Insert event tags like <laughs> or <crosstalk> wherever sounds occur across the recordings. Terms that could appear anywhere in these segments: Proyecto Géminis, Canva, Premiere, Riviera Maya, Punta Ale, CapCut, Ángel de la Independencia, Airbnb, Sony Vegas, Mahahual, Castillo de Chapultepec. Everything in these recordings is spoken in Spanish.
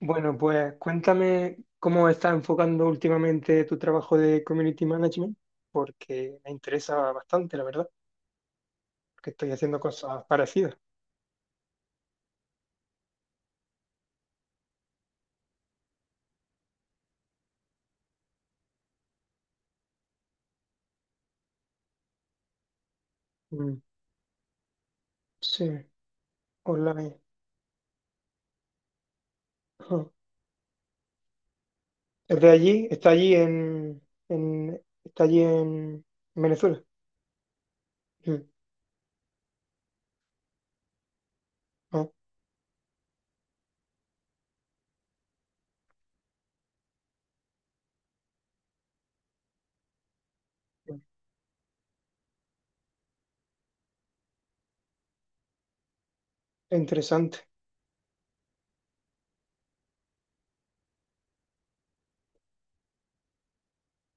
Bueno, pues cuéntame cómo estás enfocando últimamente tu trabajo de community management, porque me interesa bastante, la verdad, porque estoy haciendo cosas parecidas. Mm, sí, online. Ajá. ¿Es de allí? ¿Está allí en Venezuela? Mm, ah, interesante.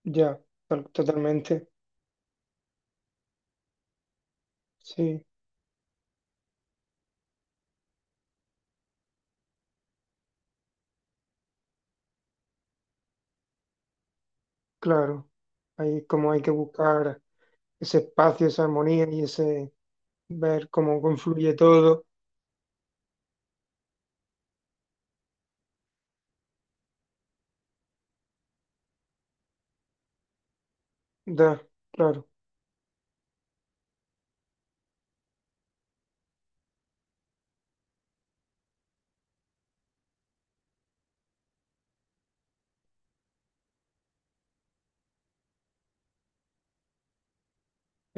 Ya, totalmente. Sí, claro. Ahí como hay que buscar ese espacio, esa armonía y ese ver cómo confluye todo. Da, claro.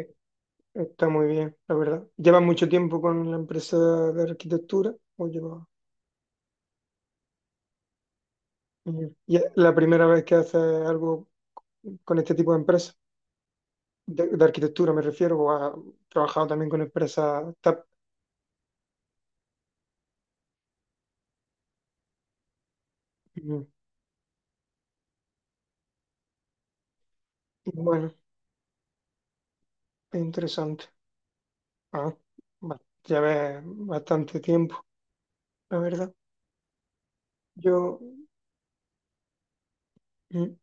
E- Está muy bien, la verdad. ¿Lleva mucho tiempo con la empresa de arquitectura? ¿O lleva? Ujú. ¿Y es la primera vez que haces algo con este tipo de empresa? De arquitectura me refiero, o has trabajado también con empresas TAP. Mm. Bueno, es interesante. Ah, va- ya ves bastante tiempo, la verdad. Yo, mm,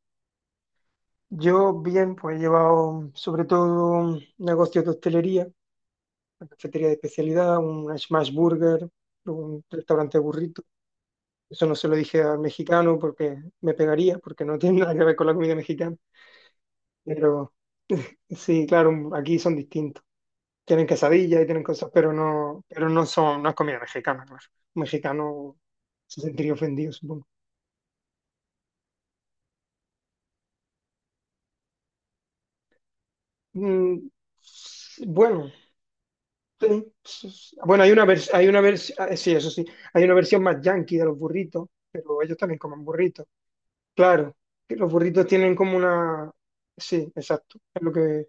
yo bien, pues he llevado sobre todo negocios de hostelería: una cafetería de especialidad, un smash burger, un restaurante burrito. Eso no se lo dije al mexicano porque me pegaría, porque no tiene <laughs> nada que ver con la comida mexicana. Pero sí, claro, aquí son distintos. Tienen quesadillas y tienen cosas, pero no son, no es comida mexicana, claro. Un mexicano se sentiría ofendido, supongo. Mm, bueno, sí, sí, sí. Bueno, ah, sí, eso sí, hay una versión más yankee de los burritos, pero ellos también comen burritos. Claro, que los burritos tienen como una. Sí, exacto. Es lo que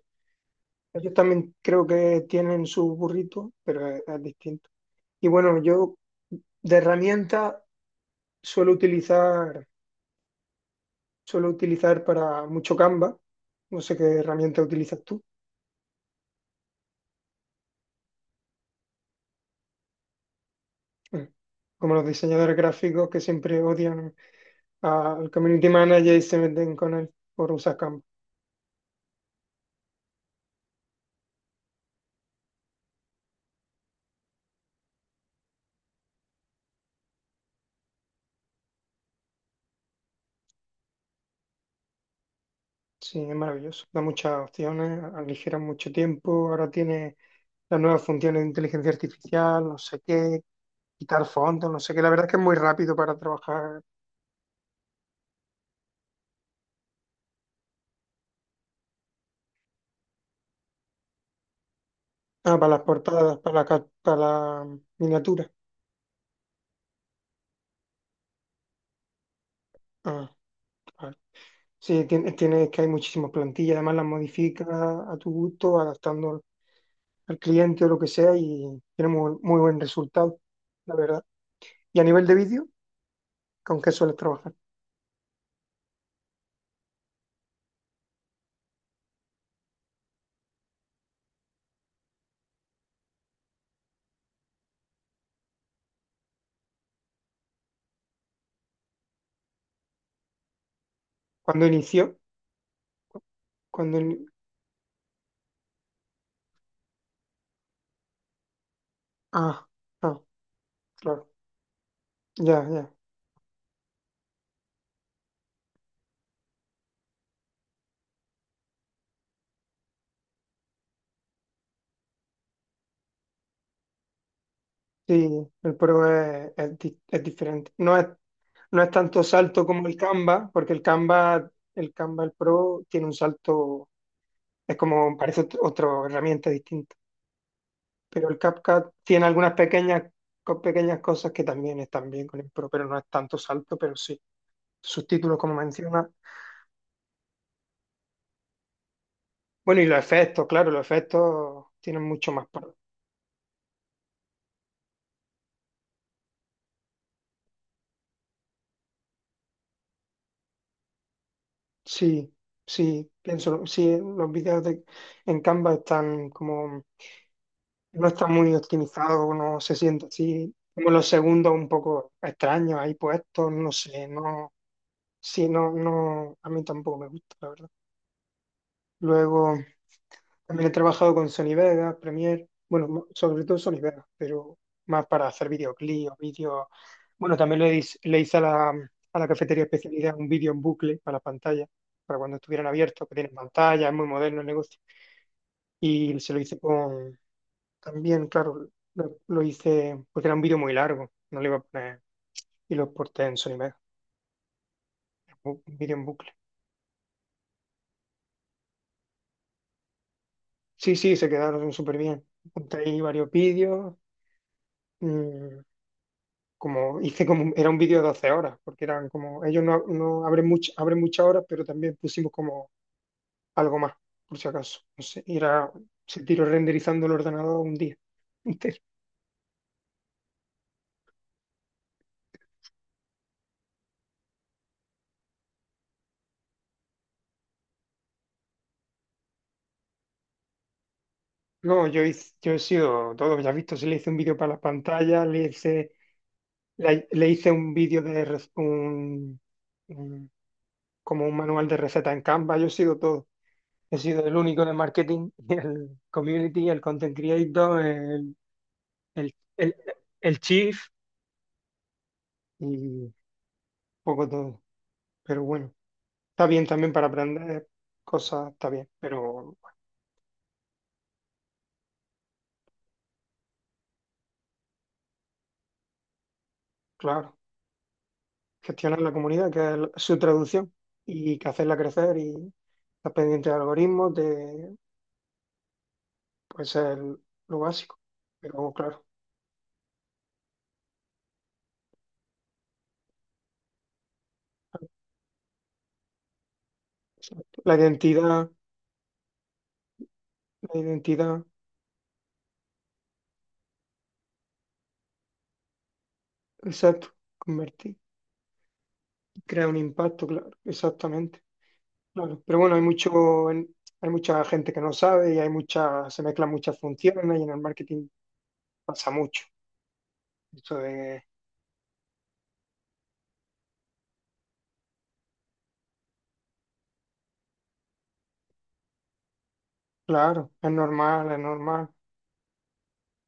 ellos también creo que tienen sus burritos, pero es distinto. Y bueno, yo de herramienta suelo utilizar, suelo utilizar para mucho Canva. No sé qué herramienta utilizas tú. Mm. Como los diseñadores gráficos que siempre odian al community manager y se meten con él por usar Canva. Sí, es maravilloso. Da muchas opciones, aligera mucho tiempo. Ahora tiene las nuevas funciones de inteligencia artificial, no sé qué, quitar fondos, no sé qué. La verdad es que es muy rápido para trabajar. Ah, para las portadas, para la miniatura. Ah, vale. Sí, es que hay muchísimas plantillas, además las modificas a tu gusto, adaptando al cliente o lo que sea, y tiene muy, muy buen resultado, la verdad. Y a nivel de vídeo, ¿con qué sueles trabajar? Cuando inició, cuando... in- ah, ah, claro, ya, ya. Sí, el Pro es diferente. No es tanto salto como el Canva, porque el Canva, el Pro, tiene un salto, es como, parece otra herramienta distinta. Pero el CapCut tiene algunas pequeñas cosas que también están bien con el Pro, pero no es tanto salto, pero sí. Sus títulos, como menciona. Bueno, y los efectos, claro, los efectos tienen mucho más. Sí, sí, pienso, sí, los vídeos en Canva están como, no están muy optimizados, no se siente así, como los segundos un poco extraños ahí puestos, no sé, no, sí, no, no, a mí tampoco me gusta, la verdad. Luego también he trabajado con Sony Vegas, Premiere, bueno, sobre todo Sony Vegas, pero más para hacer videoclips, vídeos. Bueno, también le hice a la cafetería especialidad un vídeo en bucle para la pantalla, para cuando estuvieran abiertos, que tienen pantalla, es muy moderno el negocio. Y se lo hice con, también, claro, lo hice porque era un vídeo muy largo, no le iba a poner, y lo exporté en Sony Vegas, un vídeo en bucle. Sí, sí, se quedaron súper bien. Apunté ahí varios vídeos. mm, Como hice como, era un vídeo de 12 horas, porque eran como, ellos no, no abren abren muchas horas, pero también pusimos como algo más, por si acaso. No sé, era, se tiró renderizando el ordenador un día <laughs> entero. No, yo he sido todo, ya has visto, si le hice un vídeo para la pantalla, le hice un vídeo de rec- un- como un manual de receta en Canva, yo he sido todo. He sido el único en el marketing, <laughs> el community, el content creator, el, el, el Chief y poco todo. Pero bueno, está bien también para aprender cosas, está bien. Pero claro, gestionar la comunidad, que es su traducción, y que hacerla crecer y estar pendiente de algoritmos, pues es lo básico. Pero claro, exacto. La identidad, la identidad, exacto, convertir, crear un impacto, claro, exactamente. Claro. Pero bueno, hay mucha gente que no sabe, y hay mucha, se mezclan muchas funciones y en el marketing pasa mucho. Eso de, claro, es normal, es normal.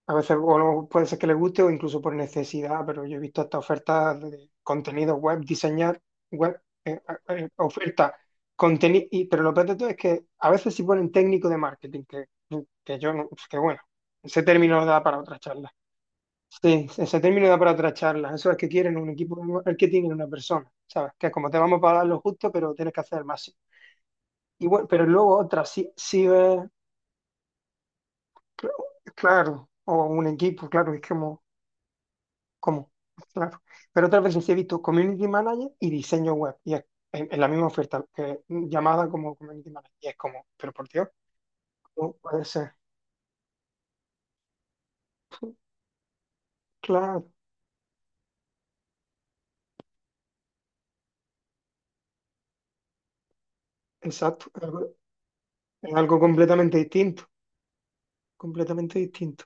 A veces o no, puede ser que le guste o incluso por necesidad, pero yo he visto hasta ofertas de contenido web, diseñar web, oferta, contenido, pero lo peor de todo es que a veces sí ponen técnico de marketing, que yo no, pues que bueno, ese término da para otra charla. Sí, ese término da para otra charla. Eso es que quieren un equipo de marketing en una persona, ¿sabes? Que como te vamos a pagar lo justo, pero tienes que hacer el máximo. Y bueno, pero luego otras sí, sí. Cl- Claro, o un equipo, claro, es como, claro. Pero otras veces sí he visto community manager y diseño web, y es en la misma oferta, que, llamada como community manager, y es como, pero por Dios, ¿cómo puede ser? Claro, exacto, es algo, completamente distinto, completamente distinto.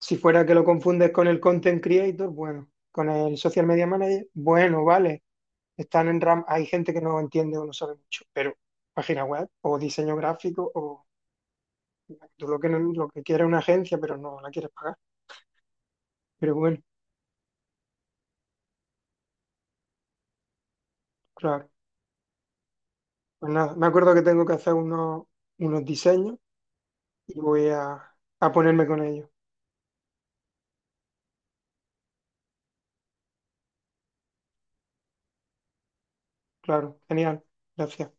Si fuera que lo confundes con el content creator, bueno, con el social media manager, bueno, vale, están en RAM, hay gente que no entiende o no sabe mucho, pero página web o diseño gráfico o tú lo que, lo que quieres es una agencia, pero no la quieres pagar. Pero bueno, claro. Pues nada, me acuerdo que tengo que hacer unos diseños y voy a ponerme con ellos. Claro, genial. Gracias.